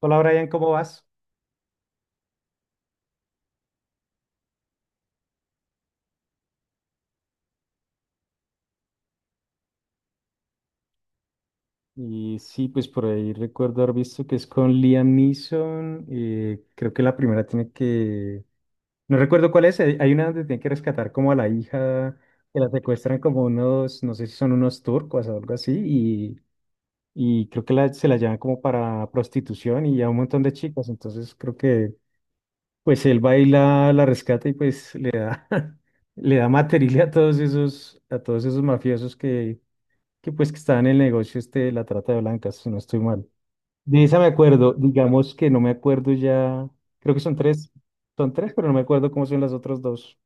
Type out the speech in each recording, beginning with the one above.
Hola Brian, ¿cómo vas? Y sí, pues por ahí recuerdo haber visto que es con Liam Neeson. Creo que la primera tiene No recuerdo cuál es. Hay una donde tiene que rescatar como a la hija, que la secuestran como unos, no sé si son unos turcos o algo así, y creo que se la llevan como para prostitución y a un montón de chicas. Entonces creo que pues él va y la rescata y pues le da, le da material a todos esos mafiosos que pues que estaba en el negocio este de la trata de blancas, si no estoy mal. De esa me acuerdo, digamos que no me acuerdo ya, creo que son tres, pero no me acuerdo cómo son las otras dos.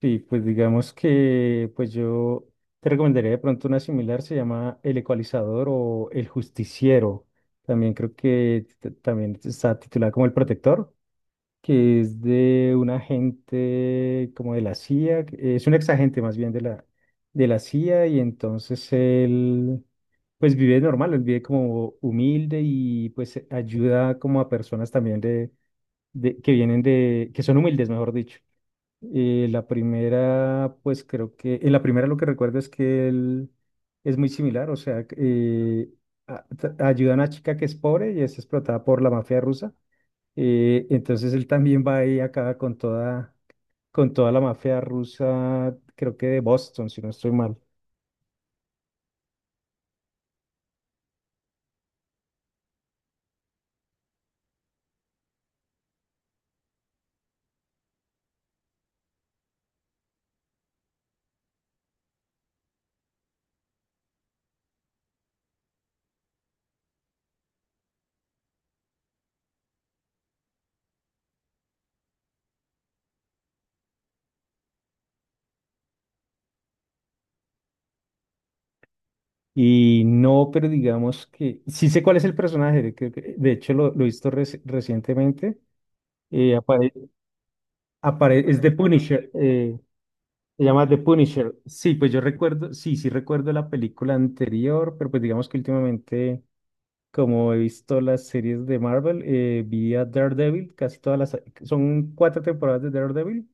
Sí, pues digamos que pues yo te recomendaría de pronto una similar, se llama El Ecualizador o El Justiciero. También creo que también está titulada como El Protector, que es de un agente como de la CIA, es un exagente más bien de la CIA y entonces él pues vive normal, él vive como humilde y pues ayuda como a personas también de que vienen de, que son humildes, mejor dicho. La primera, pues creo que, en la primera lo que recuerdo es que él es muy similar, o sea, ayuda a una chica que es pobre y es explotada por la mafia rusa. Entonces él también va ahí acaba con toda la mafia rusa, creo que de Boston, si no estoy mal. Y no, pero digamos que sí sé cuál es el personaje, creo de hecho lo he visto recientemente. eh, apare- es The Punisher, se llama The Punisher. Sí, pues yo recuerdo, sí, sí recuerdo la película anterior, pero pues digamos que últimamente, como he visto las series de Marvel, vi a Daredevil, casi todas son cuatro temporadas de Daredevil.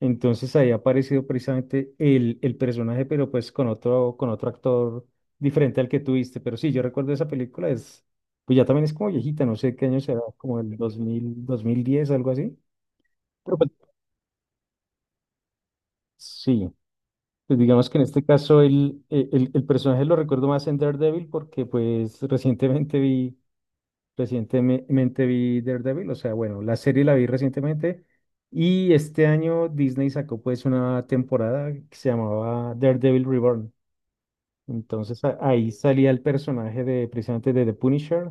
Entonces ahí ha aparecido precisamente el personaje, pero pues con otro actor diferente al que tuviste. Pero sí, yo recuerdo esa película, es, pues ya también es como viejita, no sé qué año será, como el dos dos mil dos mil diez algo así. Pero pues, sí, pues digamos que en este caso el personaje lo recuerdo más en Daredevil porque pues recientemente vi Daredevil, o sea, bueno, la serie la vi recientemente y este año Disney sacó pues una temporada que se llamaba Daredevil Reborn. Entonces ahí salía el personaje de precisamente de The Punisher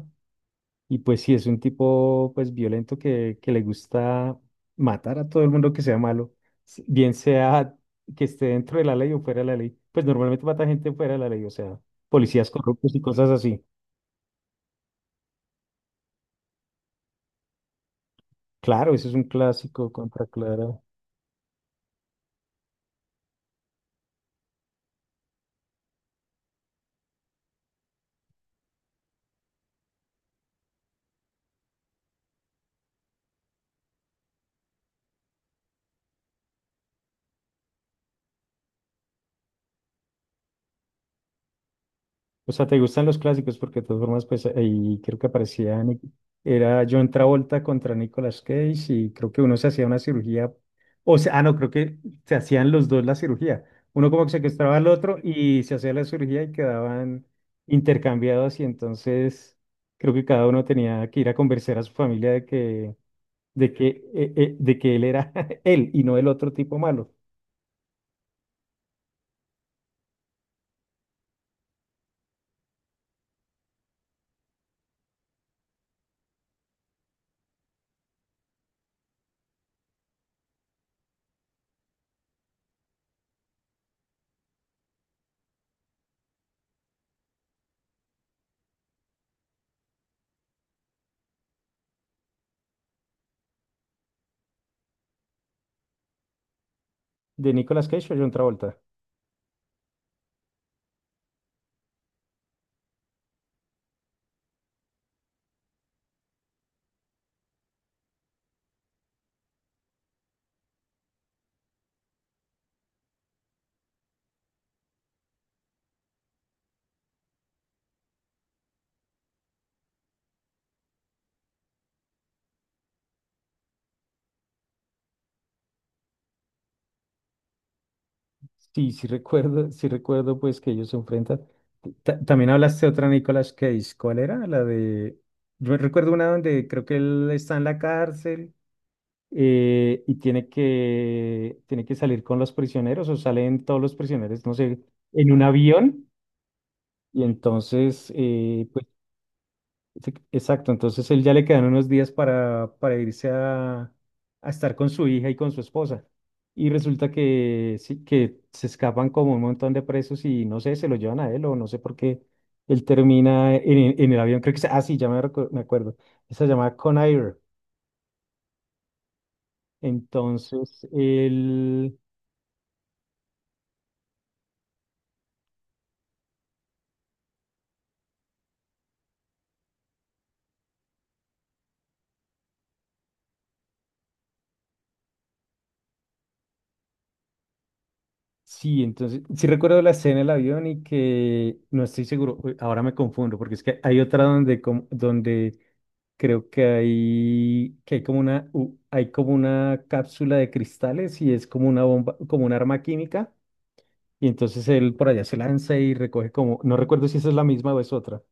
y pues sí, es un tipo pues violento que le gusta matar a todo el mundo que sea malo, bien sea que esté dentro de la ley o fuera de la ley. Pues normalmente mata gente fuera de la ley, o sea, policías corruptos y cosas así. Claro, eso es un clásico contra Clara. O sea, ¿te gustan los clásicos? Porque de todas formas, pues ahí creo que aparecía, era John Travolta contra Nicolas Cage y creo que uno se hacía una cirugía, o sea, ah, no, creo que se hacían los dos la cirugía. Uno como que secuestraba al otro y se hacía la cirugía y quedaban intercambiados y entonces creo que cada uno tenía que ir a convencer a su familia de que, de que él era él y no el otro tipo malo, de Nicolas Cage o John Travolta. Sí, sí recuerdo pues que ellos se enfrentan. También hablaste de otra Nicolas Cage, ¿cuál era? La de, yo recuerdo una donde creo que él está en la cárcel y tiene tiene que salir con los prisioneros o salen todos los prisioneros, no sé, en un avión y entonces exacto, entonces él ya le quedan unos días para irse a estar con su hija y con su esposa. Y resulta que, sí, que se escapan como un montón de presos y no sé, se lo llevan a él o no sé por qué. Él termina en el avión, creo que sí, ya me, me acuerdo. Esa se llama Conair. Entonces, él, sí, entonces, sí recuerdo la escena del avión y que no estoy seguro, uy, ahora me confundo, porque es que hay otra donde, donde creo que hay como una, hay como una cápsula de cristales y es como una bomba, como un arma química, y entonces él por allá se lanza y recoge como, no recuerdo si esa es la misma o es otra.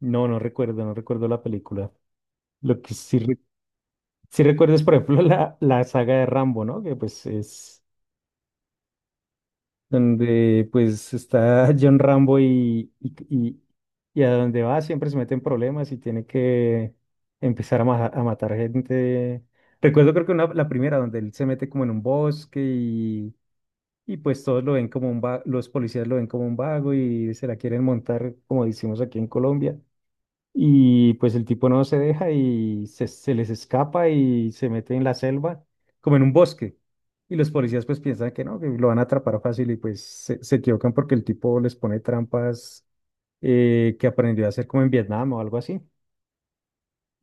No, no recuerdo, no recuerdo la película. Lo que sí, sí recuerdo es, por ejemplo, la saga de Rambo, ¿no? Que pues donde pues está John Rambo y a donde va siempre se meten problemas y tiene que empezar a matar gente. Recuerdo creo que una, la primera donde él se mete como en un bosque y pues todos lo ven como un los policías lo ven como un vago y se la quieren montar como decimos aquí en Colombia. Y pues el tipo no se deja y se les escapa y se mete en la selva, como en un bosque. Y los policías pues piensan que no, que lo van a atrapar fácil y pues se equivocan porque el tipo les pone trampas que aprendió a hacer como en Vietnam o algo así.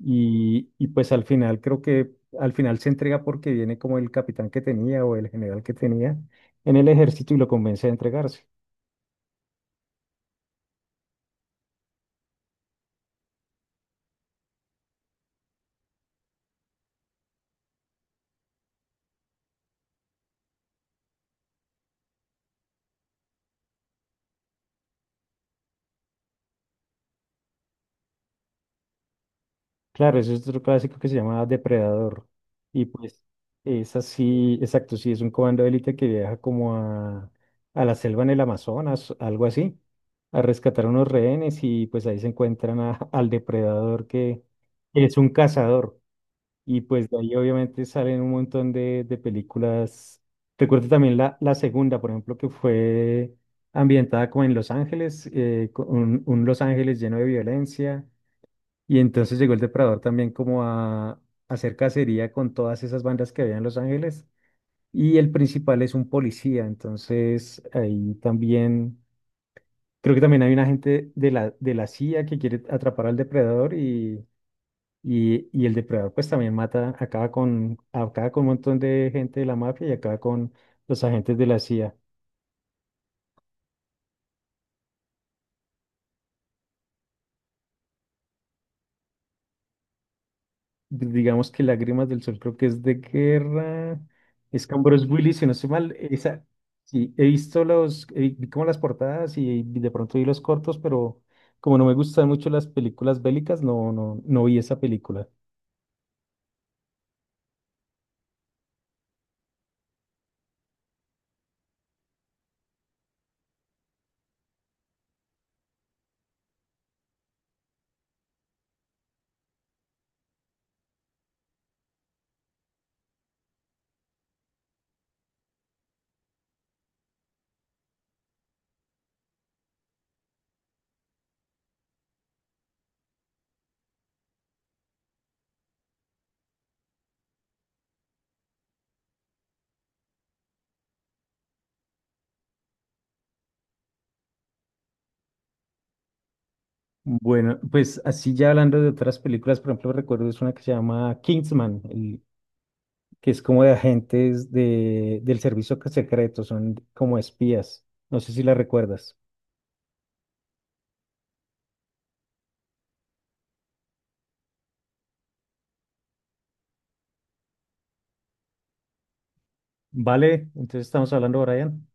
Y pues al final creo que al final se entrega porque viene como el capitán que tenía o el general que tenía en el ejército y lo convence a entregarse. Claro, eso es otro clásico que se llama Depredador. Y pues es así, exacto, sí, es un comando de élite que viaja como a la selva en el Amazonas, algo así, a rescatar unos rehenes y pues ahí se encuentran al depredador que es un cazador. Y pues de ahí obviamente salen un montón de películas. Recuerdo también la segunda, por ejemplo, que fue ambientada como en Los Ángeles, con un Los Ángeles lleno de violencia y entonces llegó el Depredador también como a hacer cacería con todas esas bandas que había en Los Ángeles. Y el principal es un policía, entonces ahí también, creo que también hay un agente de de la CIA que quiere atrapar al Depredador y el Depredador pues también mata, acaba con un montón de gente de la mafia y acaba con los agentes de la CIA. Digamos que Lágrimas del Sol creo que es de guerra. Es con Bruce Willis, si no estoy mal. Esa, sí, he visto los, vi como las portadas y de pronto vi los cortos, pero como no me gustan mucho las películas bélicas, no, no, no vi esa película. Bueno, pues así ya hablando de otras películas, por ejemplo, recuerdo es una que se llama Kingsman, que es como de agentes de, del servicio secreto, son como espías. No sé si la recuerdas. Vale, entonces estamos hablando, Brian.